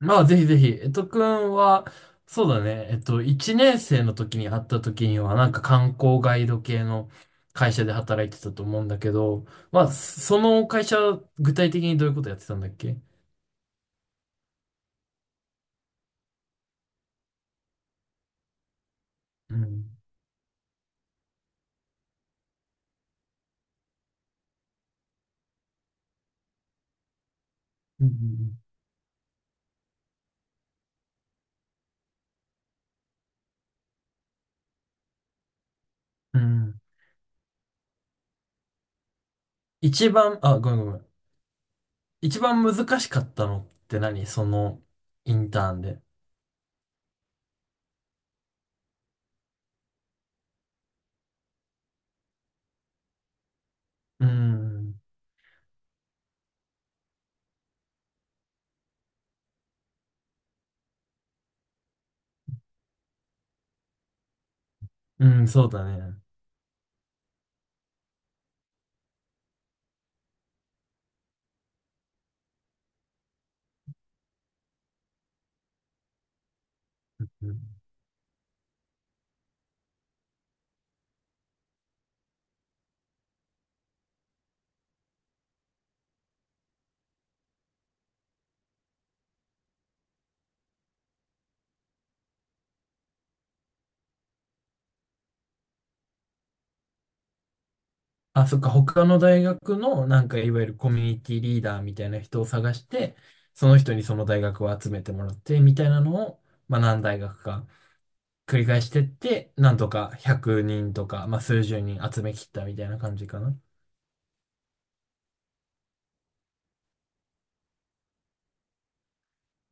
まあ、ぜひぜひ。くんは、そうだね。1年生の時に会った時には、なんか観光ガイド系の会社で働いてたと思うんだけど、まあ、その会社、具体的にどういうことやってたんだっけ？うん。うんうんうん。うん。一番、あ、ごめんごめん。一番難しかったのって何、その、インターンで。うん。うん、そうだね。うん。あ、そっか、他の大学の、なんか、いわゆるコミュニティリーダーみたいな人を探して、その人にその大学を集めてもらって、みたいなのを、まあ、何大学か繰り返してって、なんとか100人とか、まあ、数十人集めきったみたいな感じかな。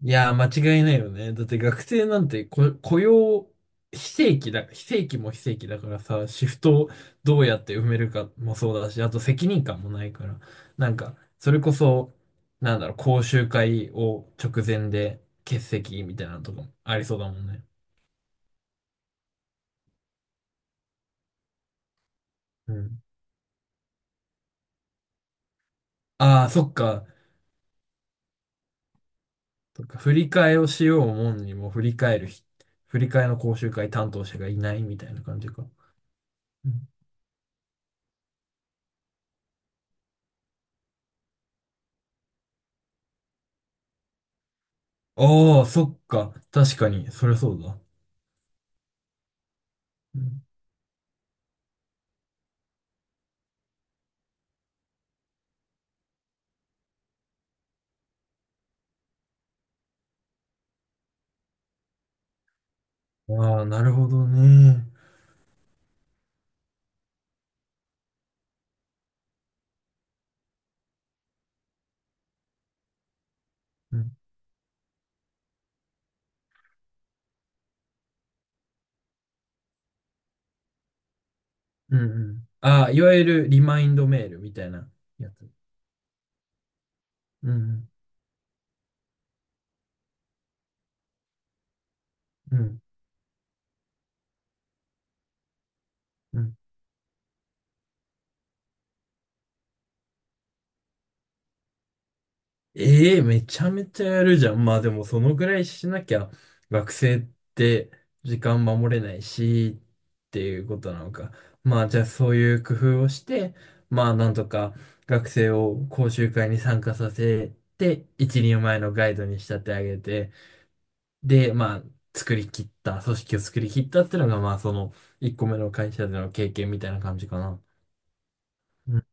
いやー、間違いないよね。だって学生なんてこ雇用、非正規だ、非正規も非正規だからさ、シフトをどうやって埋めるかもそうだし、あと責任感もないから、それこそ、なんだろう、講習会を直前で欠席みたいなのとかもありそうだもんね。うん。ああ、そっか。そっか、振り替えをしようもんにも振り替えるひ、振り替えの講習会担当者がいないみたいな感じか。うん。ああ、そっか。確かに、そりゃそうだ。うん。ああ、なるほどね。うん、うん、うん。ああ、いわゆるリマインドメールみたいなやつ。うん、うん、うん。ええ、めちゃめちゃやるじゃん。まあでも、そのぐらいしなきゃ、学生って時間守れないし、っていうことなのか。まあ、じゃあそういう工夫をして、まあ、なんとか学生を講習会に参加させて、一人前のガイドに仕立て上げて、で、まあ、作り切った、組織を作り切ったっていうのが、まあ、その、1個目の会社での経験みたいな感じかな。うん。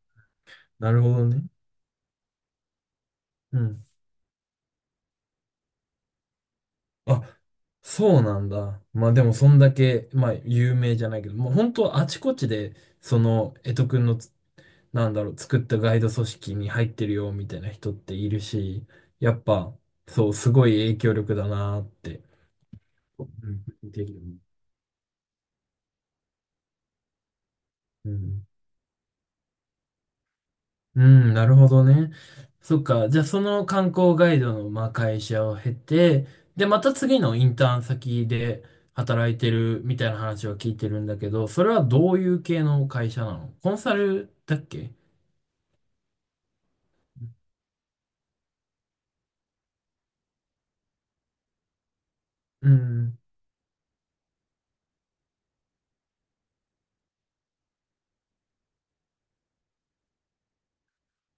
なるほどね。うん。あ、そうなんだ。まあ、でも、そんだけ、まあ、有名じゃないけど、もう本当あちこちで、その、江戸くんのつ、なんだろう、作ったガイド組織に入ってるよ、みたいな人っているし、やっぱ、そう、すごい影響力だなーって。うん。できるね。うん。うん、なるほどね。そっか。じゃあ、その観光ガイドの、まあ、会社を経て、で、また次のインターン先で働いてるみたいな話を聞いてるんだけど、それはどういう系の会社なの？コンサルだっけ？うん。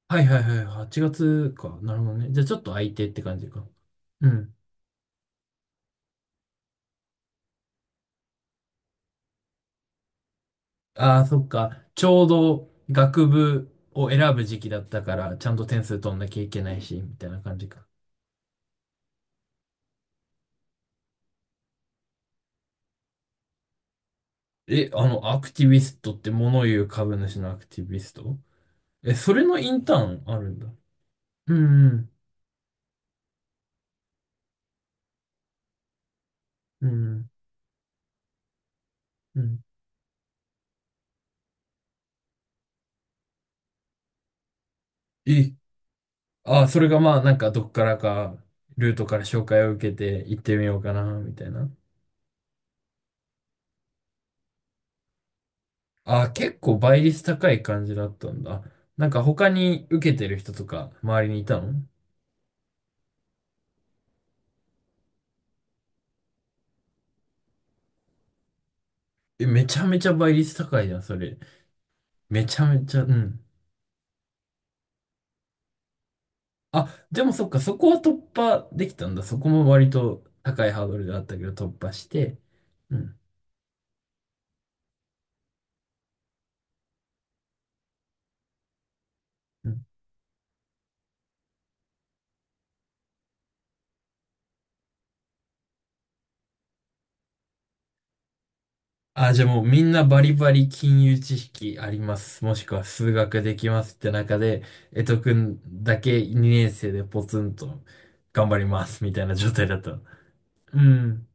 はいはいはい。8月か。なるほどね。じゃあ、ちょっと空いてって感じか。うん。ああ、そっか。ちょうど学部を選ぶ時期だったから、ちゃんと点数取んなきゃいけないし、みたいな感じか。え、あの、アクティビストって物言う株主のアクティビスト？え、それのインターンあるんだ。うん。うん、うん、うん。え、あ、それがまあ、なんかどっからか、ルートから紹介を受けて行ってみようかな、みたいな。あ、結構倍率高い感じだったんだ。なんか他に受けてる人とか、周りにいたの？え、めちゃめちゃ倍率高いじゃん、それ。めちゃめちゃ、うん。あ、でもそっか、そこは突破できたんだ。そこも割と高いハードルであったけど突破して。うん。うん。あ、じゃあもうみんなバリバリ金融知識あります。もしくは数学できますって中で、江戸くんだけ2年生でポツンと頑張りますみたいな状態だった。うん。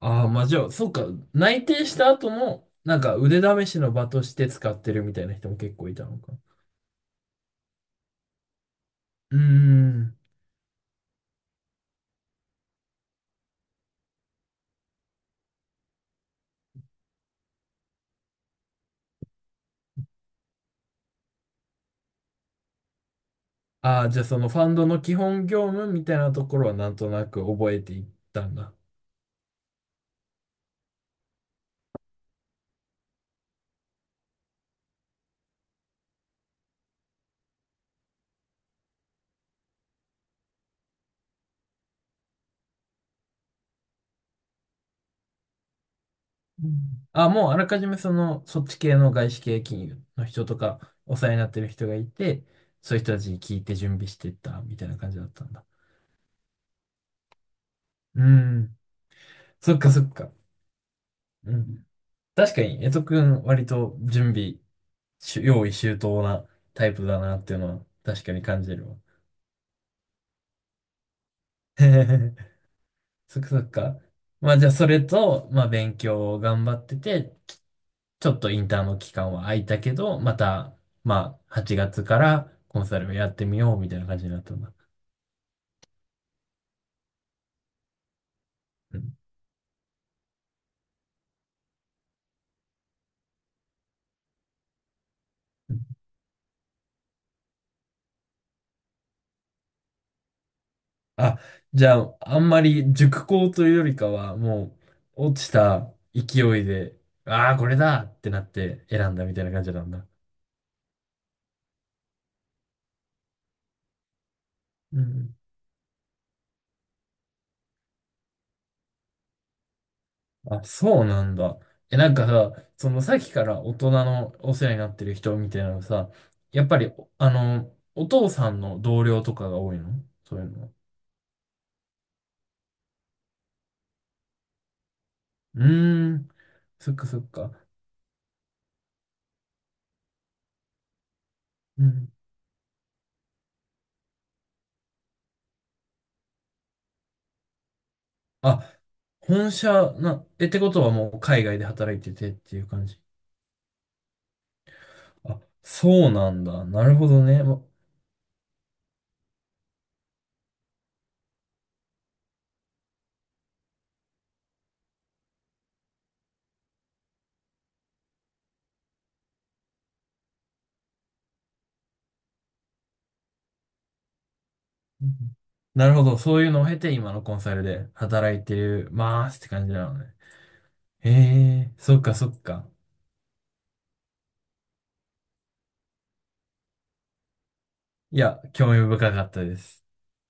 ああ、まあじゃあ、そっか、内定した後も、なんか腕試しの場として使ってるみたいな人も結構いたのか。うーん。ああ、じゃあそのファンドの基本業務みたいなところはなんとなく覚えていったんだ。うん。あ、もうあらかじめその、そっち系の外資系金融の人とか、お世話になってる人がいて、そういう人たちに聞いて準備していった、みたいな感じだったんだ。うん。そっかそっか。うん。確かに、江戸くん割と準備し、用意周到なタイプだなっていうのは確かに感じるわ。そっかそっか。まあじゃあそれと、まあ勉強を頑張ってて、ちょっとインターンの期間は空いたけど、また、まあ、8月からコンサルをやってみようみたいな感じになったんだ。うん。うん。あ、じゃあ、あんまり熟考というよりかは、もう、落ちた勢いで、ああ、これだってなって選んだみたいな感じなんだ。うん。あ、そうなんだ。え、なんかさ、そのさっきから大人のお世話になってる人みたいなのさ、やっぱり、あの、お父さんの同僚とかが多いの？そういうのは。うーん。そっかそっか。うん。あ、本社な、え、ってことはもう海外で働いててっていう感じ？あ、そうなんだ。なるほどね。ま、うん、なるほど。そういうのを経て今のコンサルで働いてますって感じなのね。へえ、そっかそっか。いや、興味深かったです。